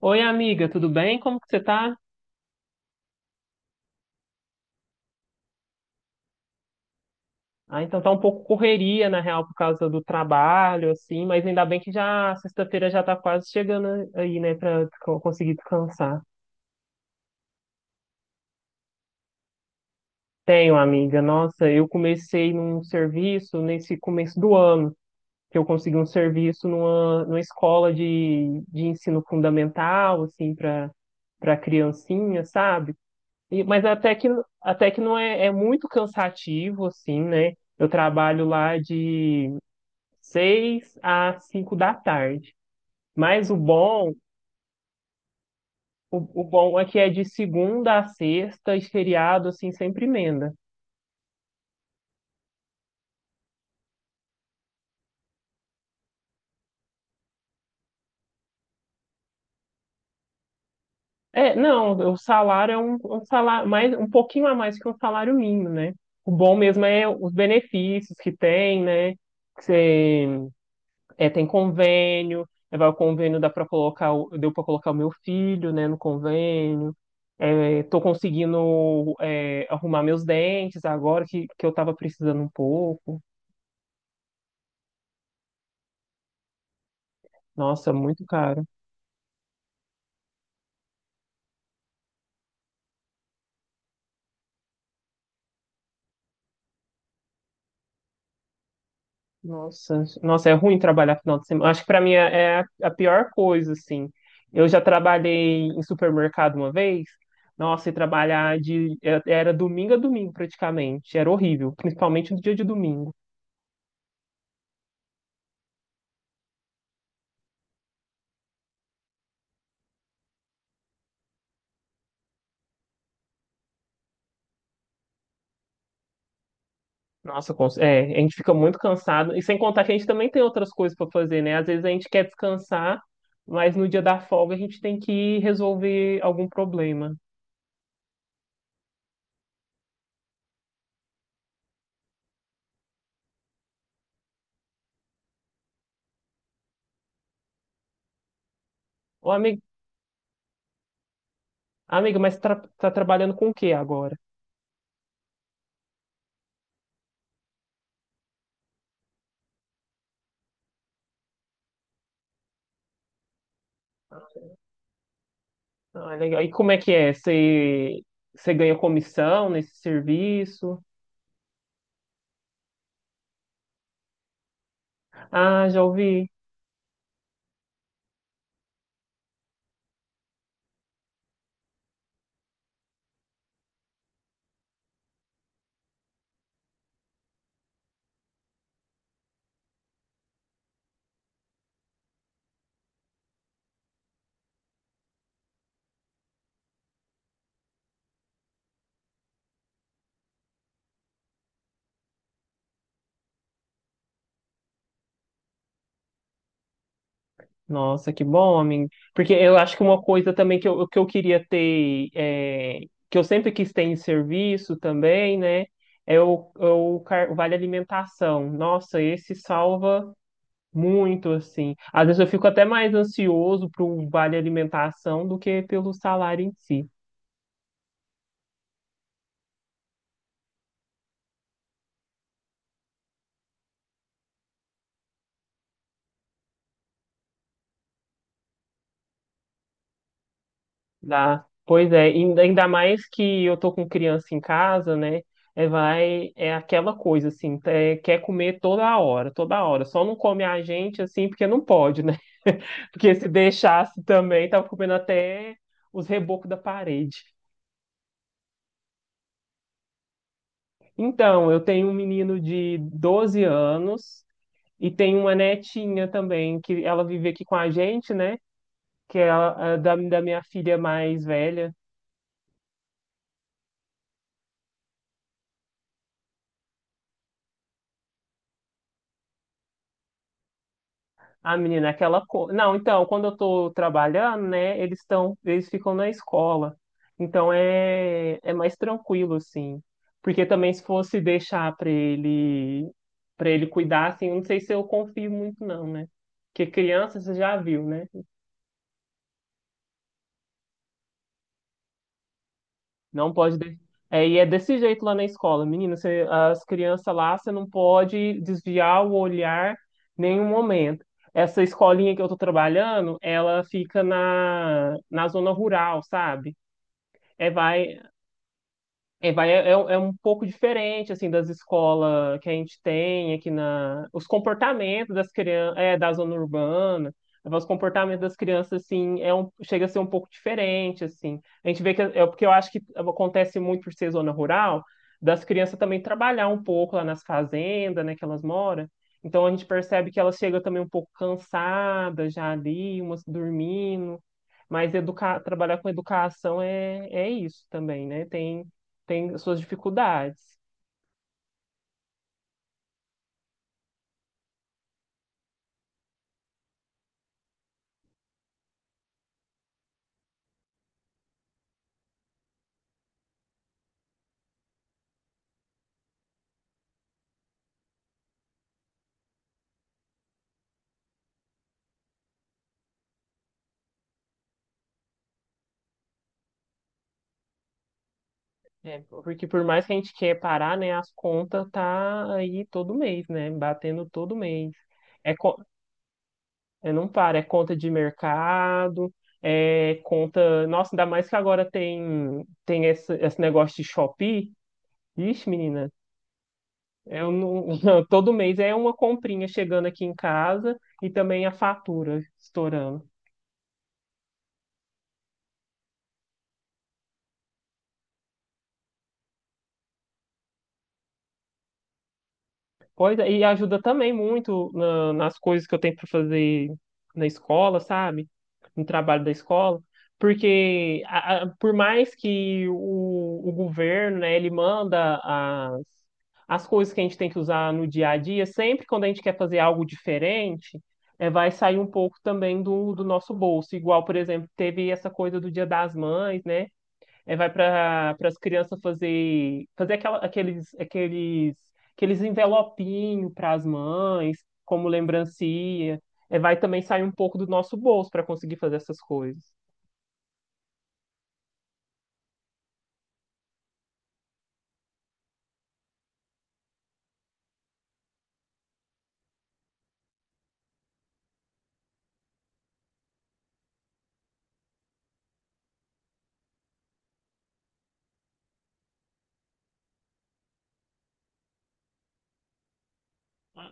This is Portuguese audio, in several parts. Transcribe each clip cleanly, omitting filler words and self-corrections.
Oi, amiga, tudo bem? Como que você tá? Ah, então tá um pouco correria, na real, por causa do trabalho, assim, mas ainda bem que já sexta-feira já tá quase chegando aí, né, pra conseguir descansar. Tenho, amiga. Nossa, eu comecei num serviço nesse começo do ano, que eu consegui um serviço numa escola de ensino fundamental, assim, para criancinha, sabe? Mas até que não é, é muito cansativo, assim, né? Eu trabalho lá de seis a cinco da tarde. Mas o bom, o bom é que é de segunda a sexta e feriado, assim, sempre emenda. É, não, o salário é um salário um pouquinho a mais que um salário mínimo, né? O bom mesmo é os benefícios que tem, né? Que você, é, tem convênio, é, vai o convênio dá para colocar, o- deu para colocar o meu filho, né, no convênio. É, tô conseguindo arrumar meus dentes agora que eu tava precisando um pouco. Nossa, muito caro. Nossa, nossa, é ruim trabalhar final de semana. Acho que para mim é a pior coisa, assim. Eu já trabalhei em supermercado uma vez. Nossa, e trabalhar de era domingo a domingo praticamente. Era horrível, principalmente no dia de domingo. Nossa, a gente fica muito cansado. E sem contar que a gente também tem outras coisas para fazer, né? Às vezes a gente quer descansar, mas no dia da folga a gente tem que resolver algum problema. Ô, amigo, amiga, mas tra tá trabalhando com o que agora? Ah, legal. E como é que é? Você, você ganha comissão nesse serviço? Ah, já ouvi. Nossa, que bom, amigo. Porque eu acho que uma coisa também que eu queria ter, é, que eu sempre quis ter em serviço também, né? É o vale alimentação. Nossa, esse salva muito, assim. Às vezes eu fico até mais ansioso para o vale alimentação do que pelo salário em si. Dá. Pois é, ainda mais que eu tô com criança em casa, né? É, vai, é aquela coisa assim, é, quer comer toda hora, toda hora. Só não come a gente assim, porque não pode, né? Porque se deixasse também, tava comendo até os rebocos da parede. Então, eu tenho um menino de 12 anos e tenho uma netinha também, que ela vive aqui com a gente, né? Que é da minha filha mais velha. A menina, é aquela coisa. Não, então, quando eu tô trabalhando, né, eles ficam na escola. Então é mais tranquilo, assim. Porque também se fosse deixar pra ele, para ele cuidar, assim, eu não sei se eu confio muito, não, né? Porque criança, você já viu, né? Não pode. É, e é desse jeito lá na escola, menina. As crianças lá, você não pode desviar o olhar em nenhum momento. Essa escolinha que eu tô trabalhando, ela fica na zona rural, sabe? É, vai, é um um pouco diferente, assim, das escolas que a gente tem aqui na... Os comportamentos das crianças, é, da zona urbana, os comportamentos das crianças, assim, é um, chega a ser um pouco diferente, assim. A gente vê que, é porque eu acho que acontece muito por ser zona rural, das crianças também trabalhar um pouco lá nas fazendas, né, que elas moram. Então a gente percebe que elas chegam também um pouco cansadas já ali, umas dormindo. Mas educar, trabalhar com educação é isso também, né? Tem suas dificuldades. É, porque por mais que a gente quer parar, né, as contas tá aí todo mês, né? Batendo todo mês. É, co- é não para, é conta de mercado, é conta. Nossa, ainda mais que agora tem esse negócio de Shopee. Ixi, menina, eu não... todo mês é uma comprinha chegando aqui em casa e também a fatura estourando. Pois é, e ajuda também muito nas coisas que eu tenho para fazer na escola, sabe? No trabalho da escola. Porque por mais que o governo, né, ele manda as coisas que a gente tem que usar no dia a dia, sempre quando a gente quer fazer algo diferente, é, vai sair um pouco também do nosso bolso. Igual, por exemplo, teve essa coisa do Dia das Mães, né? É, vai para as crianças fazer aqueles aqueles envelopinhos para as mães, como lembrancinha. É, vai também sair um pouco do nosso bolso para conseguir fazer essas coisas.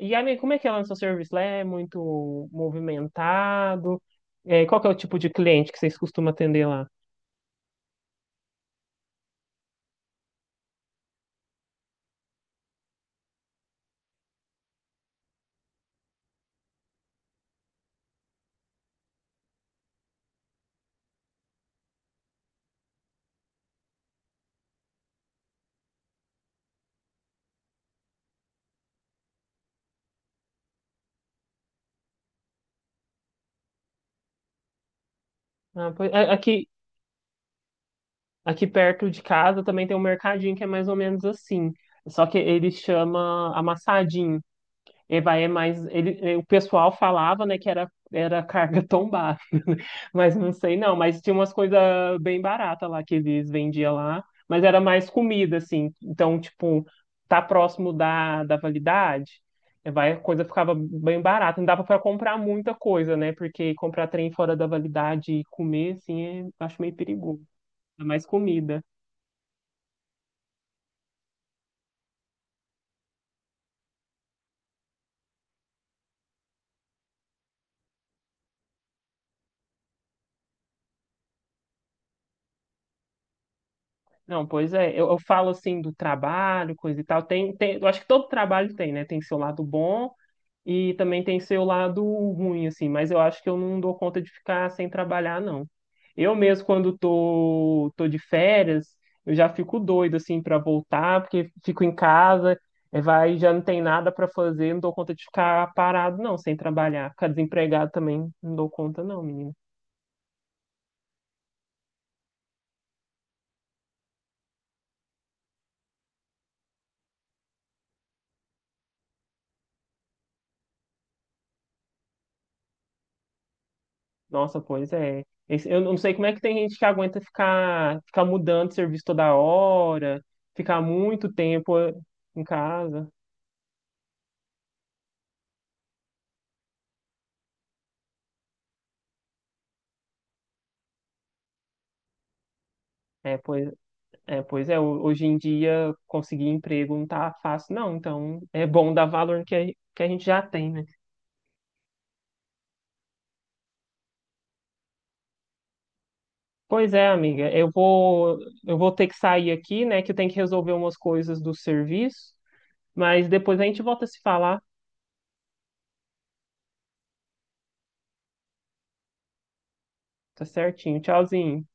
E aí, como é que é lá no seu serviço? Lá é muito movimentado? É, qual que é o tipo de cliente que vocês costumam atender lá? Aqui aqui perto de casa também tem um mercadinho que é mais ou menos assim. Só que ele chama amassadinho. Ele vai é mais. Ele, é, o pessoal falava, né, era carga tombada, mas não sei não. Mas tinha umas coisas bem baratas lá que eles vendiam lá, mas era mais comida, assim. Então, tipo, tá próximo da validade, é, vai, a coisa ficava bem barata. Não dava para comprar muita coisa, né? Porque comprar trem fora da validade e comer, assim, é, acho meio perigoso. É mais comida. Não, pois é, eu falo assim do trabalho, coisa e tal. Eu acho que todo trabalho tem, né? Tem seu lado bom e também tem seu lado ruim, assim, mas eu acho que eu não dou conta de ficar sem trabalhar, não. Eu mesmo, quando tô de férias, eu já fico doido, assim, para voltar, porque fico em casa, já não tem nada para fazer, não dou conta de ficar parado, não, sem trabalhar. Ficar desempregado também, não dou conta, não, menino. Nossa, pois é. Eu não sei como é que tem gente que aguenta ficar mudando de serviço toda hora, ficar muito tempo em casa. É, pois hoje em dia conseguir emprego não tá fácil, não. Então é bom dar valor no que que a gente já tem, né? Pois é, amiga, eu vou ter que sair aqui, né? Que eu tenho que resolver umas coisas do serviço, mas depois a gente volta a se falar, tá certinho? Tchauzinho.